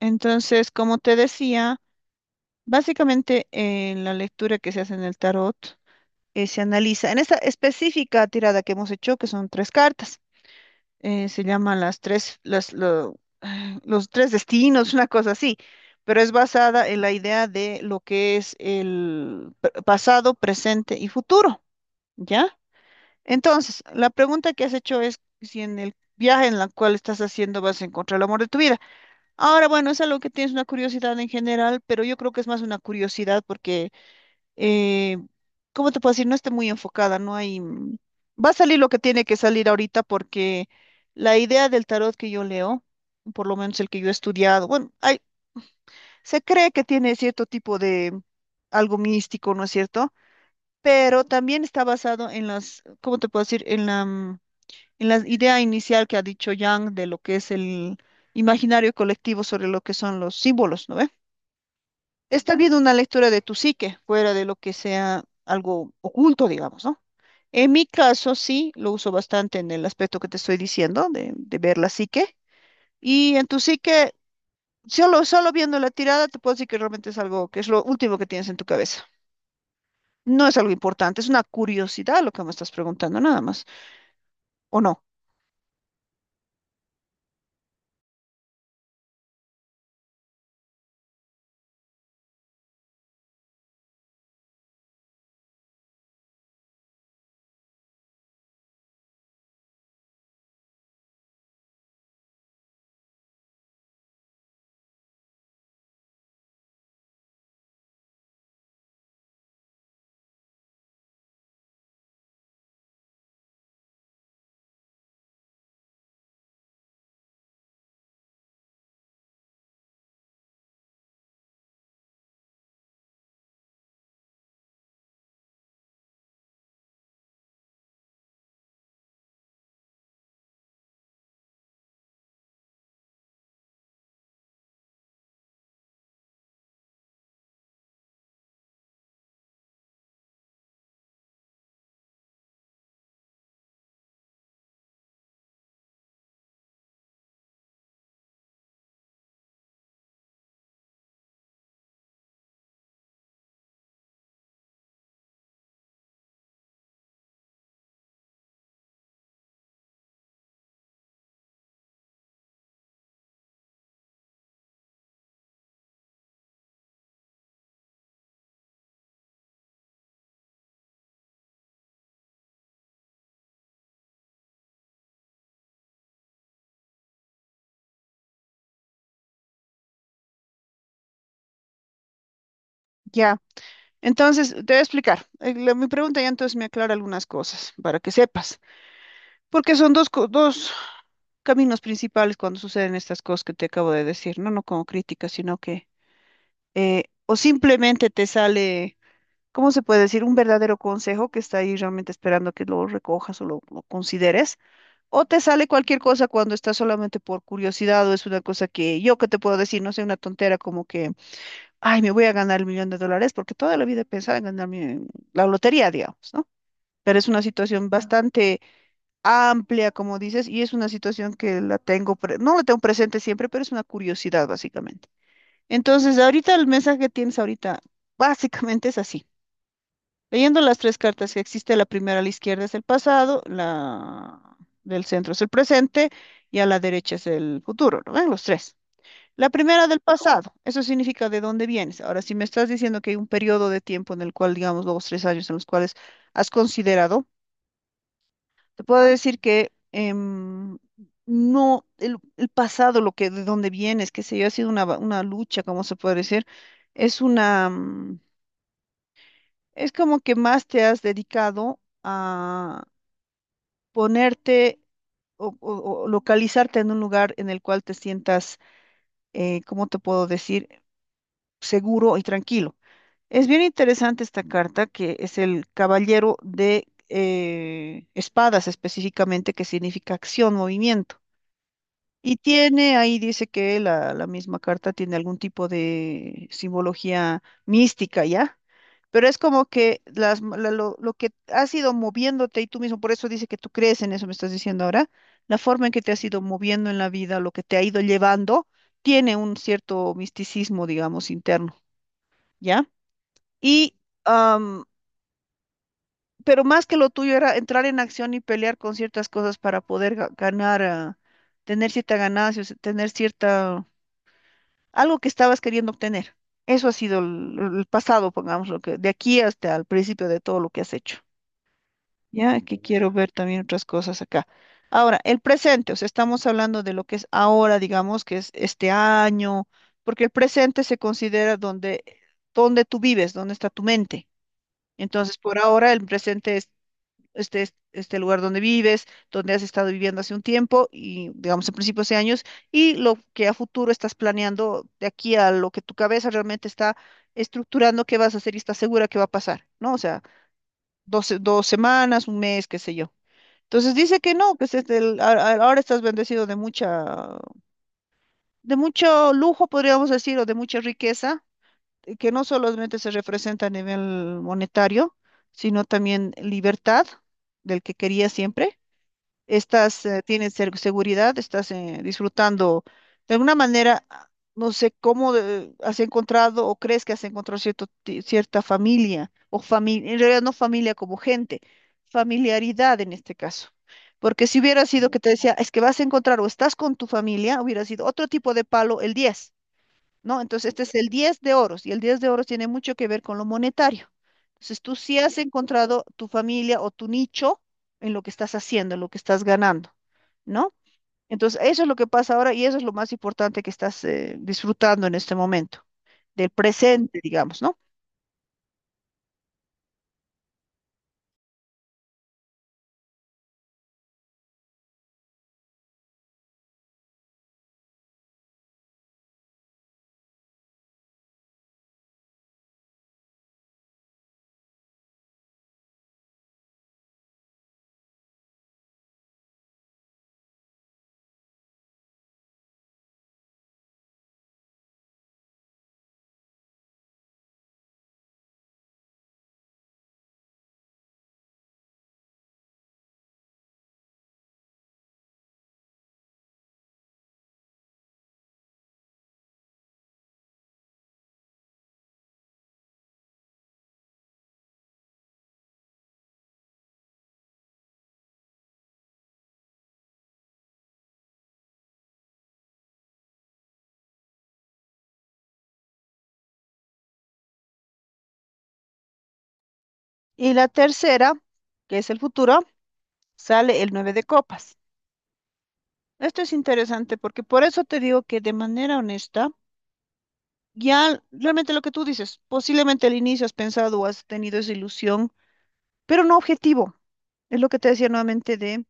Entonces, como te decía, básicamente en la lectura que se hace en el tarot, se analiza, en esta específica tirada que hemos hecho, que son tres cartas, se llaman las tres, los tres destinos, una cosa así, pero es basada en la idea de lo que es el pasado, presente y futuro, ¿ya? Entonces, la pregunta que has hecho es si en el viaje en el cual estás haciendo vas a encontrar el amor de tu vida. Ahora, bueno, es algo que tienes una curiosidad en general, pero yo creo que es más una curiosidad porque, eh, ¿cómo te puedo decir? No esté muy enfocada, no hay... va a salir lo que tiene que salir ahorita porque la idea del tarot que yo leo, por lo menos el que yo he estudiado, bueno, hay, se cree que tiene cierto tipo de algo místico, ¿no es cierto? Pero también está basado en las, ¿cómo te puedo decir? En la idea inicial que ha dicho Yang de lo que es el imaginario colectivo sobre lo que son los símbolos, ¿no ve? Está habiendo una lectura de tu psique, fuera de lo que sea algo oculto, digamos, ¿no? En mi caso, sí, lo uso bastante en el aspecto que te estoy diciendo, de ver la psique. Y en tu psique, solo viendo la tirada, te puedo decir que realmente es algo que es lo último que tienes en tu cabeza. No es algo importante, es una curiosidad lo que me estás preguntando, nada más. ¿O no? Ya. Entonces, te voy a explicar. Mi pregunta ya entonces me aclara algunas cosas para que sepas. Porque son dos caminos principales cuando suceden estas cosas que te acabo de decir, no, no como crítica, sino que o simplemente te sale, ¿cómo se puede decir? Un verdadero consejo que está ahí realmente esperando que lo recojas o lo consideres, o te sale cualquier cosa cuando estás solamente por curiosidad o es una cosa que yo que te puedo decir, no sé, una tontera como que, ay, me voy a ganar el millón de dólares porque toda la vida he pensado en ganarme la lotería, digamos, ¿no? Pero es una situación bastante amplia, como dices, y es una situación que la tengo, no la tengo presente siempre, pero es una curiosidad básicamente. Entonces, ahorita el mensaje que tienes ahorita básicamente es así. Leyendo las tres cartas que existe, la primera a la izquierda es el pasado, la del centro es el presente y a la derecha es el futuro, ¿no ven? Los tres. La primera del pasado, eso significa de dónde vienes. Ahora, si me estás diciendo que hay un periodo de tiempo en el cual, digamos, los tres años en los cuales has considerado te puedo decir que no, el, pasado, lo que, de dónde vienes, qué sé yo, ha sido una lucha, como se puede decir, es una, mm, es como que más te has dedicado a ponerte o localizarte en un lugar en el cual te sientas, ¿cómo te puedo decir?, seguro y tranquilo. Es bien interesante esta carta, que es el Caballero de Espadas específicamente, que significa acción, movimiento. Y tiene, ahí dice que la misma carta tiene algún tipo de simbología mística, ¿ya? Pero es como que las, m- la- lo que has ido moviéndote y tú mismo, por eso dice que tú crees en eso, me estás diciendo ahora, la forma en que te has ido moviendo en la vida, lo que te ha ido llevando, tiene un cierto misticismo, digamos, interno, ¿ya? Y, am, pero más que lo tuyo era entrar en acción y pelear con ciertas cosas para poder ganar, tener cierta ganancia, o sea, tener cierta algo que estabas queriendo obtener. Eso ha sido el, pasado, pongamos lo que, de aquí hasta el principio de todo lo que has hecho. Ya que quiero ver también otras cosas acá. Ahora, el presente, o sea, estamos hablando de lo que es ahora, digamos, que es este año, porque el presente se considera donde tú vives, donde está tu mente. Entonces, por ahora el presente es este, este lugar donde vives, donde has estado viviendo hace un tiempo y digamos en principio hace años, y lo que a futuro estás planeando de aquí a lo que tu cabeza realmente está estructurando qué vas a hacer y estás segura que va a pasar, ¿no? O sea, dos semanas, un mes, qué sé yo. Entonces dice que no, que es este ahora estás bendecido de mucho lujo, podríamos decir, o de mucha riqueza, que no solamente se representa a nivel monetario, sino también libertad del que quería siempre estás, tienes seguridad, estás disfrutando de alguna manera, no sé cómo has encontrado o crees que has encontrado cierta familia o familia, en realidad no familia como gente, familiaridad en este caso. Porque si hubiera sido que te decía, es que vas a encontrar o estás con tu familia, hubiera sido otro tipo de palo el 10. ¿No? Entonces, este es el 10 de oros y el 10 de oros tiene mucho que ver con lo monetario. Entonces, tú sí has encontrado tu familia o tu nicho en lo que estás haciendo, en lo que estás ganando, ¿no? Entonces, eso es lo que pasa ahora y eso es lo más importante que estás disfrutando en este momento, del presente, digamos, ¿no? Y la tercera, que es el futuro, sale el 9 de copas. Esto es interesante porque por eso te digo que de manera honesta, ya realmente lo que tú dices, posiblemente al inicio has pensado o has tenido esa ilusión pero no objetivo. Es lo que te decía nuevamente de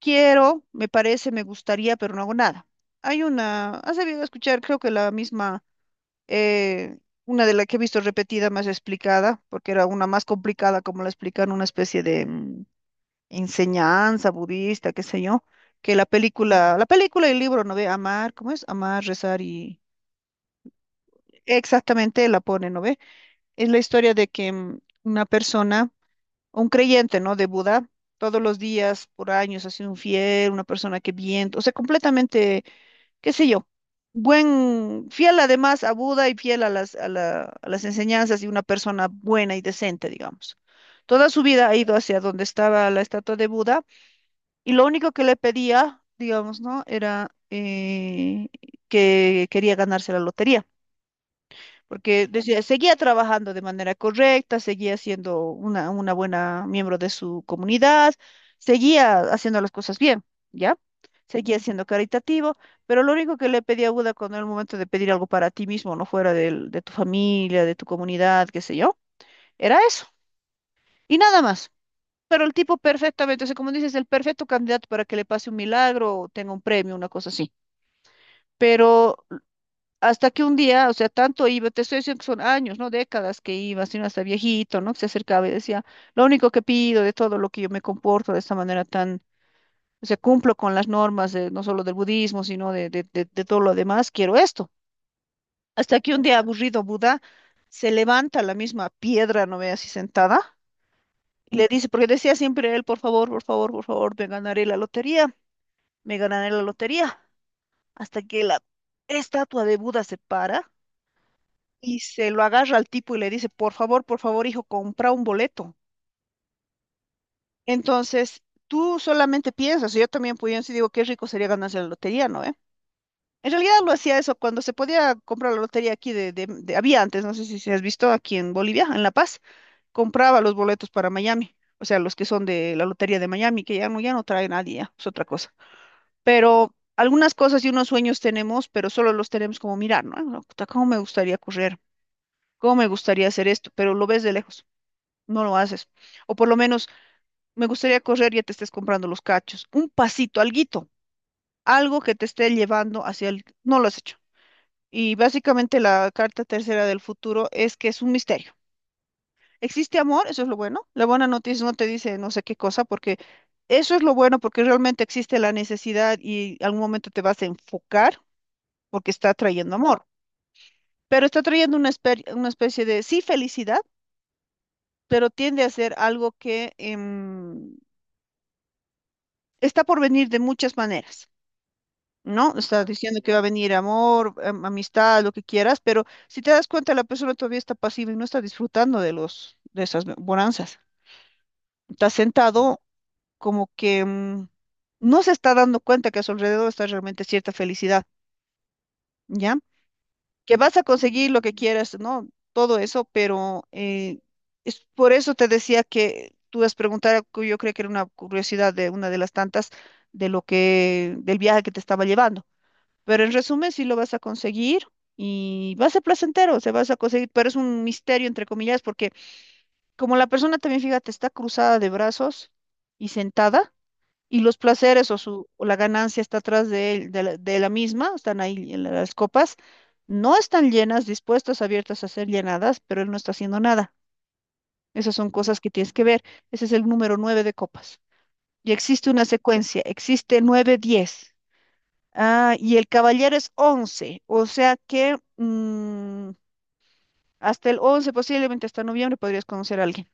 quiero, me parece, me gustaría, pero no hago nada. Hay una, has debido escuchar, creo que la misma, eh, una de las que he visto repetida, más explicada, porque era una más complicada, como la explican, una especie de enseñanza budista, qué sé yo, que la película y el libro, ¿no ve? Amar, ¿cómo es? Amar, rezar y... Exactamente, la pone, ¿no ve? Es la historia de que una persona un creyente, ¿no? De Buda, todos los días, por años, ha sido un fiel, una persona que bien, o sea, completamente, qué sé yo, buen, fiel además a Buda y fiel a las enseñanzas y una persona buena y decente, digamos. Toda su vida ha ido hacia donde estaba la estatua de Buda y lo único que le pedía, digamos, ¿no? Era que quería ganarse la lotería porque decía, seguía trabajando de manera correcta, seguía siendo una buena miembro de su comunidad, seguía haciendo las cosas bien, ¿ya? Seguía siendo caritativo, pero lo único que le pedía a Buda cuando era el momento de pedir algo para ti mismo, no fuera de tu familia, de tu comunidad, qué sé yo, era eso, y nada más. Pero el tipo perfectamente, o sea, como dices, el perfecto candidato para que le pase un milagro o tenga un premio, una cosa así. Pero hasta que un día, o sea, tanto iba, te estoy diciendo que son años, no décadas que iba, sino hasta viejito, ¿no? Que se acercaba y decía, lo único que pido de todo lo que yo me comporto de esta manera tan, o sea, cumplo con las normas de, no solo del budismo, sino de todo lo demás, quiero esto. Hasta que un día aburrido Buda se levanta la misma piedra, no ve así sentada, y le dice, porque decía siempre él, por favor, por favor, por favor, me ganaré la lotería, me ganaré la lotería. Hasta que la estatua de Buda se para y se lo agarra al tipo y le dice, por favor, hijo, compra un boleto. Entonces, tú solamente piensas, yo también, pues yo sí digo, qué rico sería ganarse la lotería, ¿no? ¿Eh? En realidad lo hacía eso cuando se podía comprar la lotería aquí había antes, no sé si has visto aquí en Bolivia, en La Paz, compraba los boletos para Miami, o sea, los que son de la lotería de Miami, que ya no, ya no trae nadie, ya, es otra cosa. Pero algunas cosas y unos sueños tenemos, pero solo los tenemos como mirar, ¿no? Ah, puta, ¿cómo me gustaría correr? ¿Cómo me gustaría hacer esto? Pero lo ves de lejos. No lo haces. O por lo menos, me gustaría correr y ya te estés comprando los cachos. Un pasito, alguito, algo que te esté llevando hacia el... No lo has hecho. Y básicamente la carta tercera del futuro es que es un misterio. ¿Existe amor? Eso es lo bueno. La buena noticia no te dice no sé qué cosa, porque eso es lo bueno, porque realmente existe la necesidad y algún momento te vas a enfocar porque está trayendo amor. Pero está trayendo una especie de, sí, felicidad, pero tiende a ser algo que... está por venir de muchas maneras, ¿no? Está diciendo que va a venir amor, amistad, lo que quieras, pero si te das cuenta, la persona todavía está pasiva y no está disfrutando de esas bonanzas. Está sentado como que no se está dando cuenta que a su alrededor está realmente cierta felicidad, ¿ya? Que vas a conseguir lo que quieras, ¿no? Todo eso, pero es por eso te decía que tú has preguntado, que yo creo que era una curiosidad de una de las tantas de lo que, del viaje que te estaba llevando. Pero en resumen, sí lo vas a conseguir y va a ser placentero, se vas a conseguir, pero es un misterio, entre comillas, porque como la persona también, fíjate, está cruzada de brazos y sentada, y los placeres o, su, o la ganancia está atrás de la misma, están ahí en las copas, no están llenas, dispuestas, abiertas a ser llenadas, pero él no está haciendo nada. Esas son cosas que tienes que ver. Ese es el número nueve de copas. Y existe una secuencia, existe nueve, diez. Ah, y el caballero es 11, o sea que hasta el 11 posiblemente hasta noviembre, podrías conocer a alguien.